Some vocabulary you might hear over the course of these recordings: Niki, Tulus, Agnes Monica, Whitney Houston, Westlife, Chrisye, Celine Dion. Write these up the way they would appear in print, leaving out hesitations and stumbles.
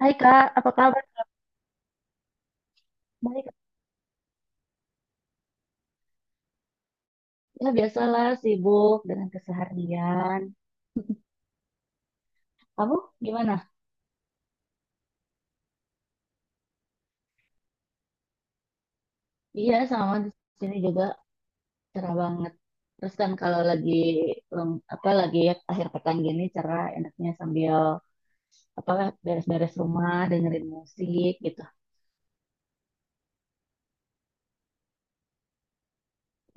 Hai Kak, apa kabar? Baik. Ya biasalah sibuk dengan keseharian. Kamu gimana? Iya sama di sini juga cerah banget. Terus kan kalau lagi apa lagi ya, akhir pekan gini cerah enaknya sambil apa beres-beres rumah dengerin musik gitu.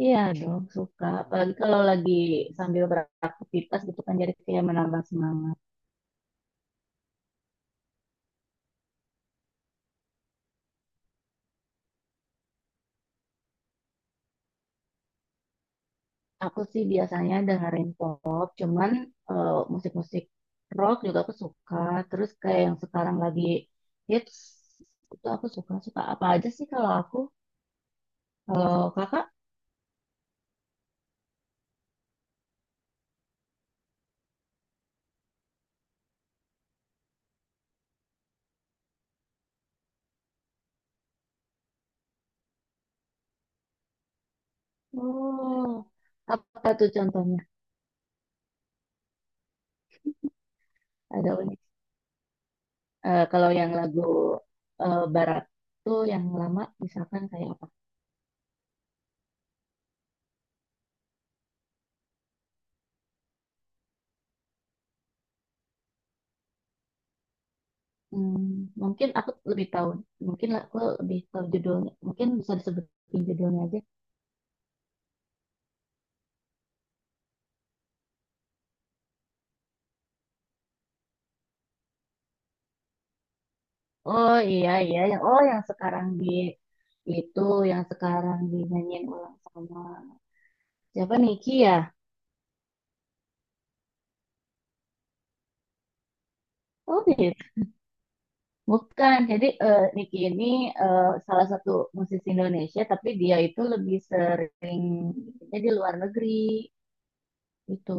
Iya dong suka. Apalagi kalau lagi sambil beraktivitas gitu kan jadi kayak menambah semangat. Aku sih biasanya dengerin pop, cuman musik-musik rock juga aku suka. Terus kayak yang sekarang lagi hits, itu aku suka-suka. Apa aja sih kalau aku? Kalau kakak? Oh, apa tuh contohnya? Ada unik. Kalau yang lagu barat tuh yang lama, misalkan kayak apa? Hmm, Mungkin aku lebih tahu. Mungkin aku lebih tahu judulnya. Mungkin bisa disebutin judulnya aja. Oh iya, iya yang yang sekarang di itu yang sekarang dinyanyiin ulang sama siapa Niki ya? Oh gitu. Bukan. Jadi Niki ini eh, salah satu musisi Indonesia tapi dia itu lebih sering jadi di luar negeri itu.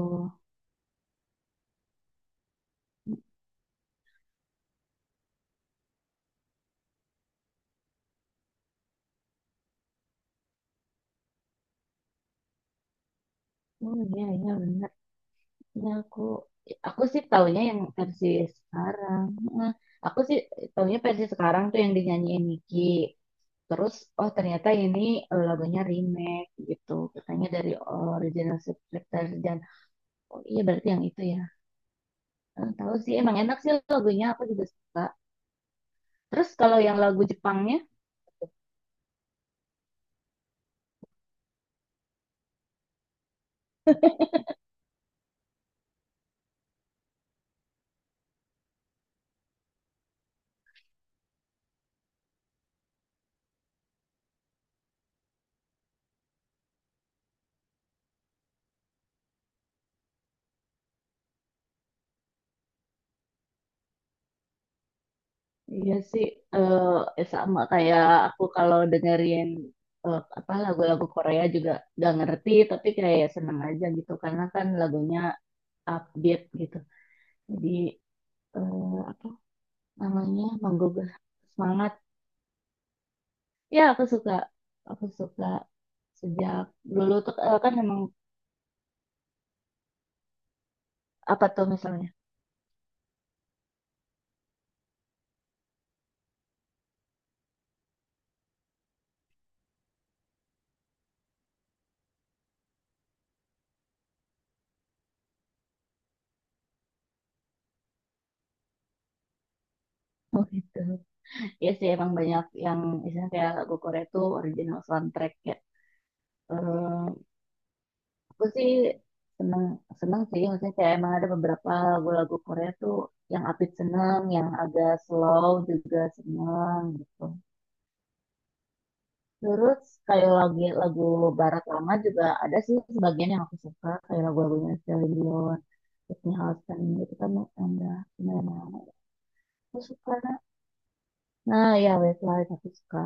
Oh iya, iya benar. Ya aku sih taunya yang versi sekarang. Nah, aku sih taunya versi sekarang tuh yang dinyanyiin Niki. Terus, oh ternyata ini lagunya remake gitu. Katanya dari original Subscription. Dan, oh iya berarti yang itu ya. Tahu sih, emang enak sih lagunya. Aku juga suka. Terus kalau yang lagu Jepangnya, iya sih sama kayak aku kalau dengerin apa lagu-lagu Korea juga gak ngerti, tapi kayak seneng aja gitu. Karena kan lagunya upbeat gitu. Jadi, apa namanya, menggugah semangat. Ya, aku suka. Aku suka sejak dulu tuh, kan emang apa tuh misalnya? Oh gitu. Ya sih emang banyak yang misalnya kayak lagu Korea tuh original soundtrack ya. Eh, aku sih seneng, seneng sih maksudnya kayak emang ada beberapa lagu-lagu Korea tuh yang upbeat seneng, yang agak slow juga seneng gitu. Terus kayak lagu lagu barat lama juga ada sih sebagian yang aku suka kayak lagu-lagunya Celine Dion, Whitney Houston gitu kan yang udah lumayan lama. Aku suka. Nah, nah ya Westlife aku suka.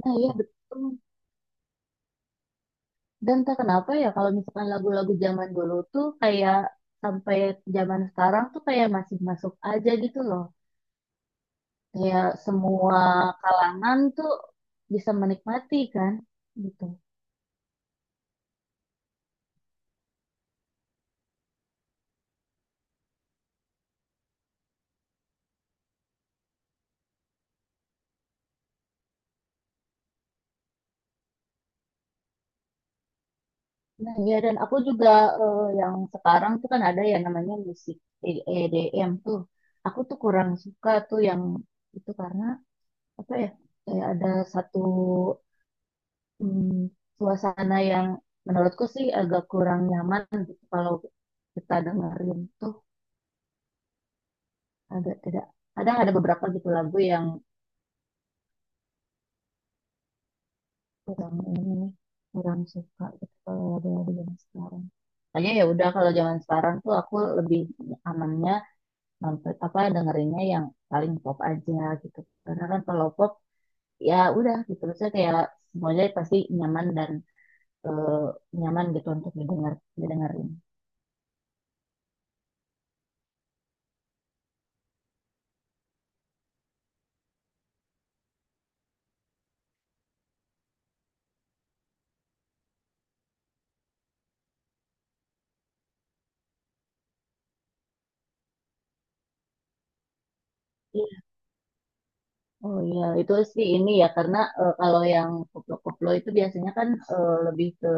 Nah iya betul. Dan tak kenapa ya kalau misalkan lagu-lagu zaman dulu tuh kayak sampai zaman sekarang tuh kayak masih masuk aja gitu loh. Kayak semua kalangan tuh bisa menikmati kan gitu. Nah, ya dan aku juga yang sekarang tuh kan ada ya namanya musik EDM tuh. Aku tuh kurang suka tuh yang itu karena apa ya? Kayak ada satu mm, suasana yang menurutku sih agak kurang nyaman gitu kalau kita dengerin tuh agak tidak, kadang ada beberapa gitu lagu yang kurang ini nih, kurang suka gitu kalau lagu-lagu yang sekarang. Makanya ya udah kalau zaman sekarang tuh aku lebih amannya nonton apa dengerinnya yang paling pop aja gitu karena kan kalau pop ya udah gitu, saya kayak semuanya pasti nyaman dan eh, nyaman gitu untuk didengar, didengerin. Iya, oh iya itu sih ini ya karena kalau yang koplo-koplo itu biasanya kan lebih ke,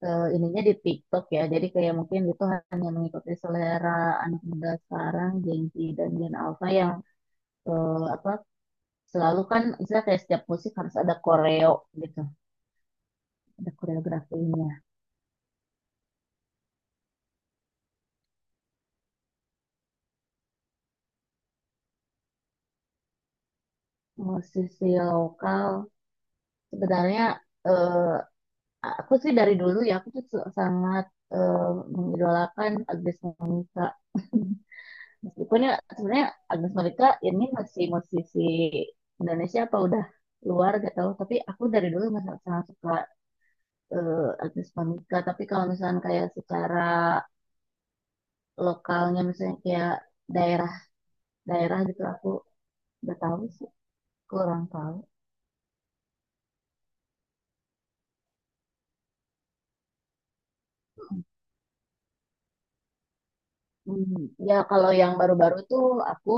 ke ininya di TikTok ya, jadi kayak mungkin itu hanya mengikuti selera anak muda sekarang Gen Z dan Gen Alpha yang apa, selalu kan misalnya kayak setiap musik harus ada koreo gitu, ada koreografinya. Musisi lokal sebenarnya eh, aku sih dari dulu ya, aku tuh sangat eh, mengidolakan Agnes Monica. Meskipun ya sebenarnya Agnes Monica ini masih musisi Indonesia apa udah luar gak tahu, tapi aku dari dulu sangat, sangat suka eh, Agnes Monica. Tapi kalau misalnya kayak secara lokalnya misalnya kayak daerah-daerah gitu, aku udah tahu sih, kurang tahu. Hmm, ya kalau yang baru-baru tuh aku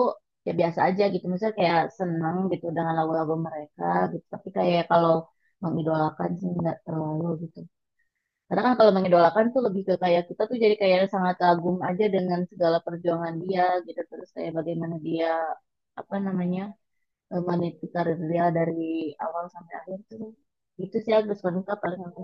ya biasa aja gitu. Misalnya kayak seneng gitu dengan lagu-lagu mereka gitu. Tapi kayak kalau mengidolakan sih nggak terlalu gitu. Karena kan kalau mengidolakan tuh lebih ke kayak kita tuh jadi kayak sangat kagum aja dengan segala perjuangan dia gitu. Terus kayak bagaimana dia apa namanya, meniti karir dia dari awal sampai akhir tuh. Itu sih Agus Monica paling aku.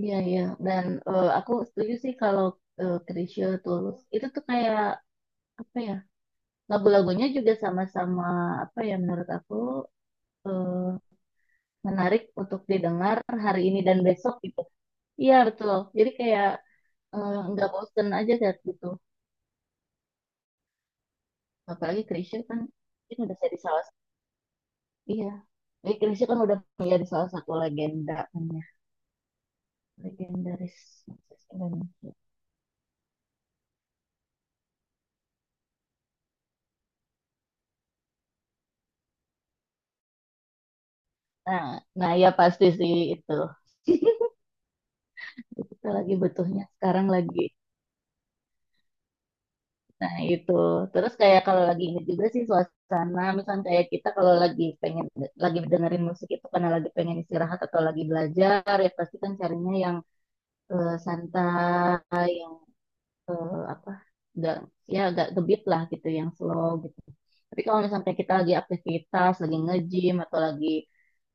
Iya, iya. Dan aku setuju sih kalau Chrisye Tulus itu tuh kayak apa ya, lagu-lagunya juga sama-sama apa ya, menurut aku eh, menarik untuk didengar hari ini dan besok gitu. Iya betul. Jadi kayak nggak bosen aja kayak gitu. Apalagi Chrisye kan ini udah jadi salah satu. Iya. Jadi Chrisye kan udah menjadi salah satu legenda kan ya. Legendaris musisi Indonesia. Nah, nah ya pasti sih itu. Itu kita lagi butuhnya sekarang lagi. Nah, itu. Terus kayak kalau lagi ini juga sih suasana, misalnya kayak kita kalau lagi pengen lagi dengerin musik itu karena lagi pengen istirahat atau lagi belajar, ya pasti kan carinya yang santai, apa, enggak ya agak gebeat lah gitu, yang slow gitu. Tapi kalau misalnya kayak kita lagi aktivitas, lagi nge-gym atau lagi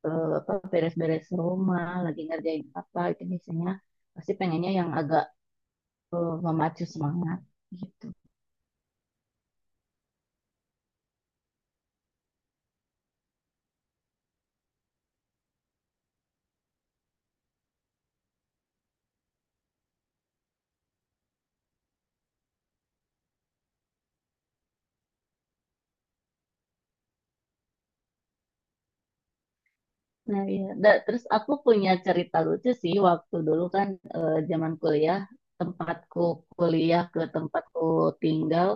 apa beres-beres rumah, lagi ngerjain apa, itu biasanya pasti pengennya yang agak memacu semangat. Nah, iya. Terus aku punya cerita lucu sih waktu dulu kan zaman kuliah, tempatku kuliah ke tempatku tinggal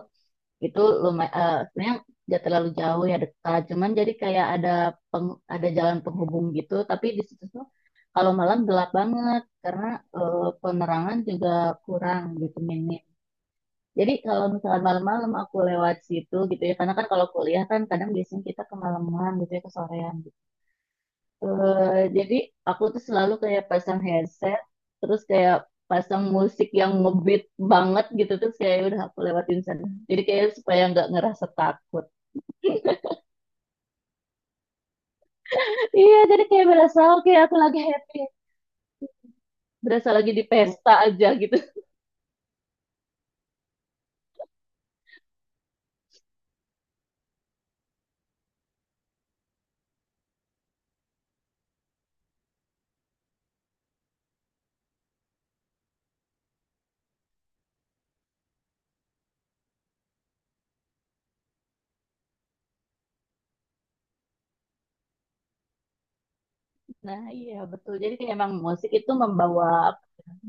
itu lumayan, sebenarnya nggak terlalu jauh ya, dekat, cuman jadi kayak ada ada jalan penghubung gitu, tapi di situ tuh kalau malam gelap banget karena penerangan juga kurang gitu, minim. Jadi kalau misalkan malam-malam aku lewat situ gitu ya, karena kan kalau kuliah kan kadang biasanya kita kemalaman gitu ya, kesorean. Jadi aku tuh selalu kayak pasang headset, terus kayak pasang musik yang ngebeat banget gitu, terus kayak ya udah aku lewatin sana. Jadi kayak supaya nggak ngerasa takut. Iya, jadi kayak berasa oke aku lagi happy, berasa lagi di pesta aja gitu. Nah, iya betul. Jadi kayak emang musik itu membawa,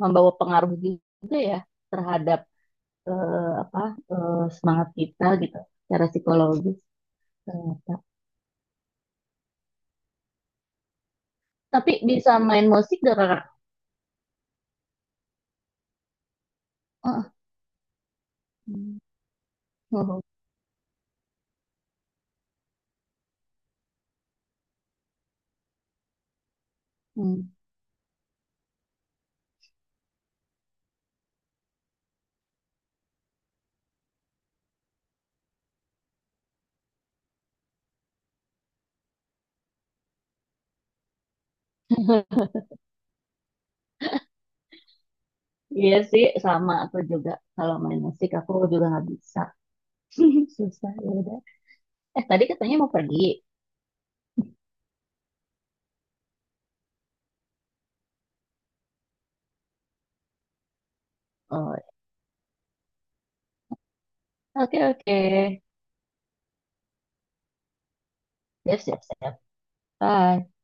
membawa pengaruh juga ya terhadap eh, apa, semangat kita gitu, secara psikologis ternyata. Tapi bisa main musik dari kakak. Oh. Hmm. Iya sih, sama aku juga. Kalau main musik aku juga nggak bisa. Susah, ya udah. Eh, tadi katanya mau pergi. Oh, oke, oke. Siap, siap, siap. Bye.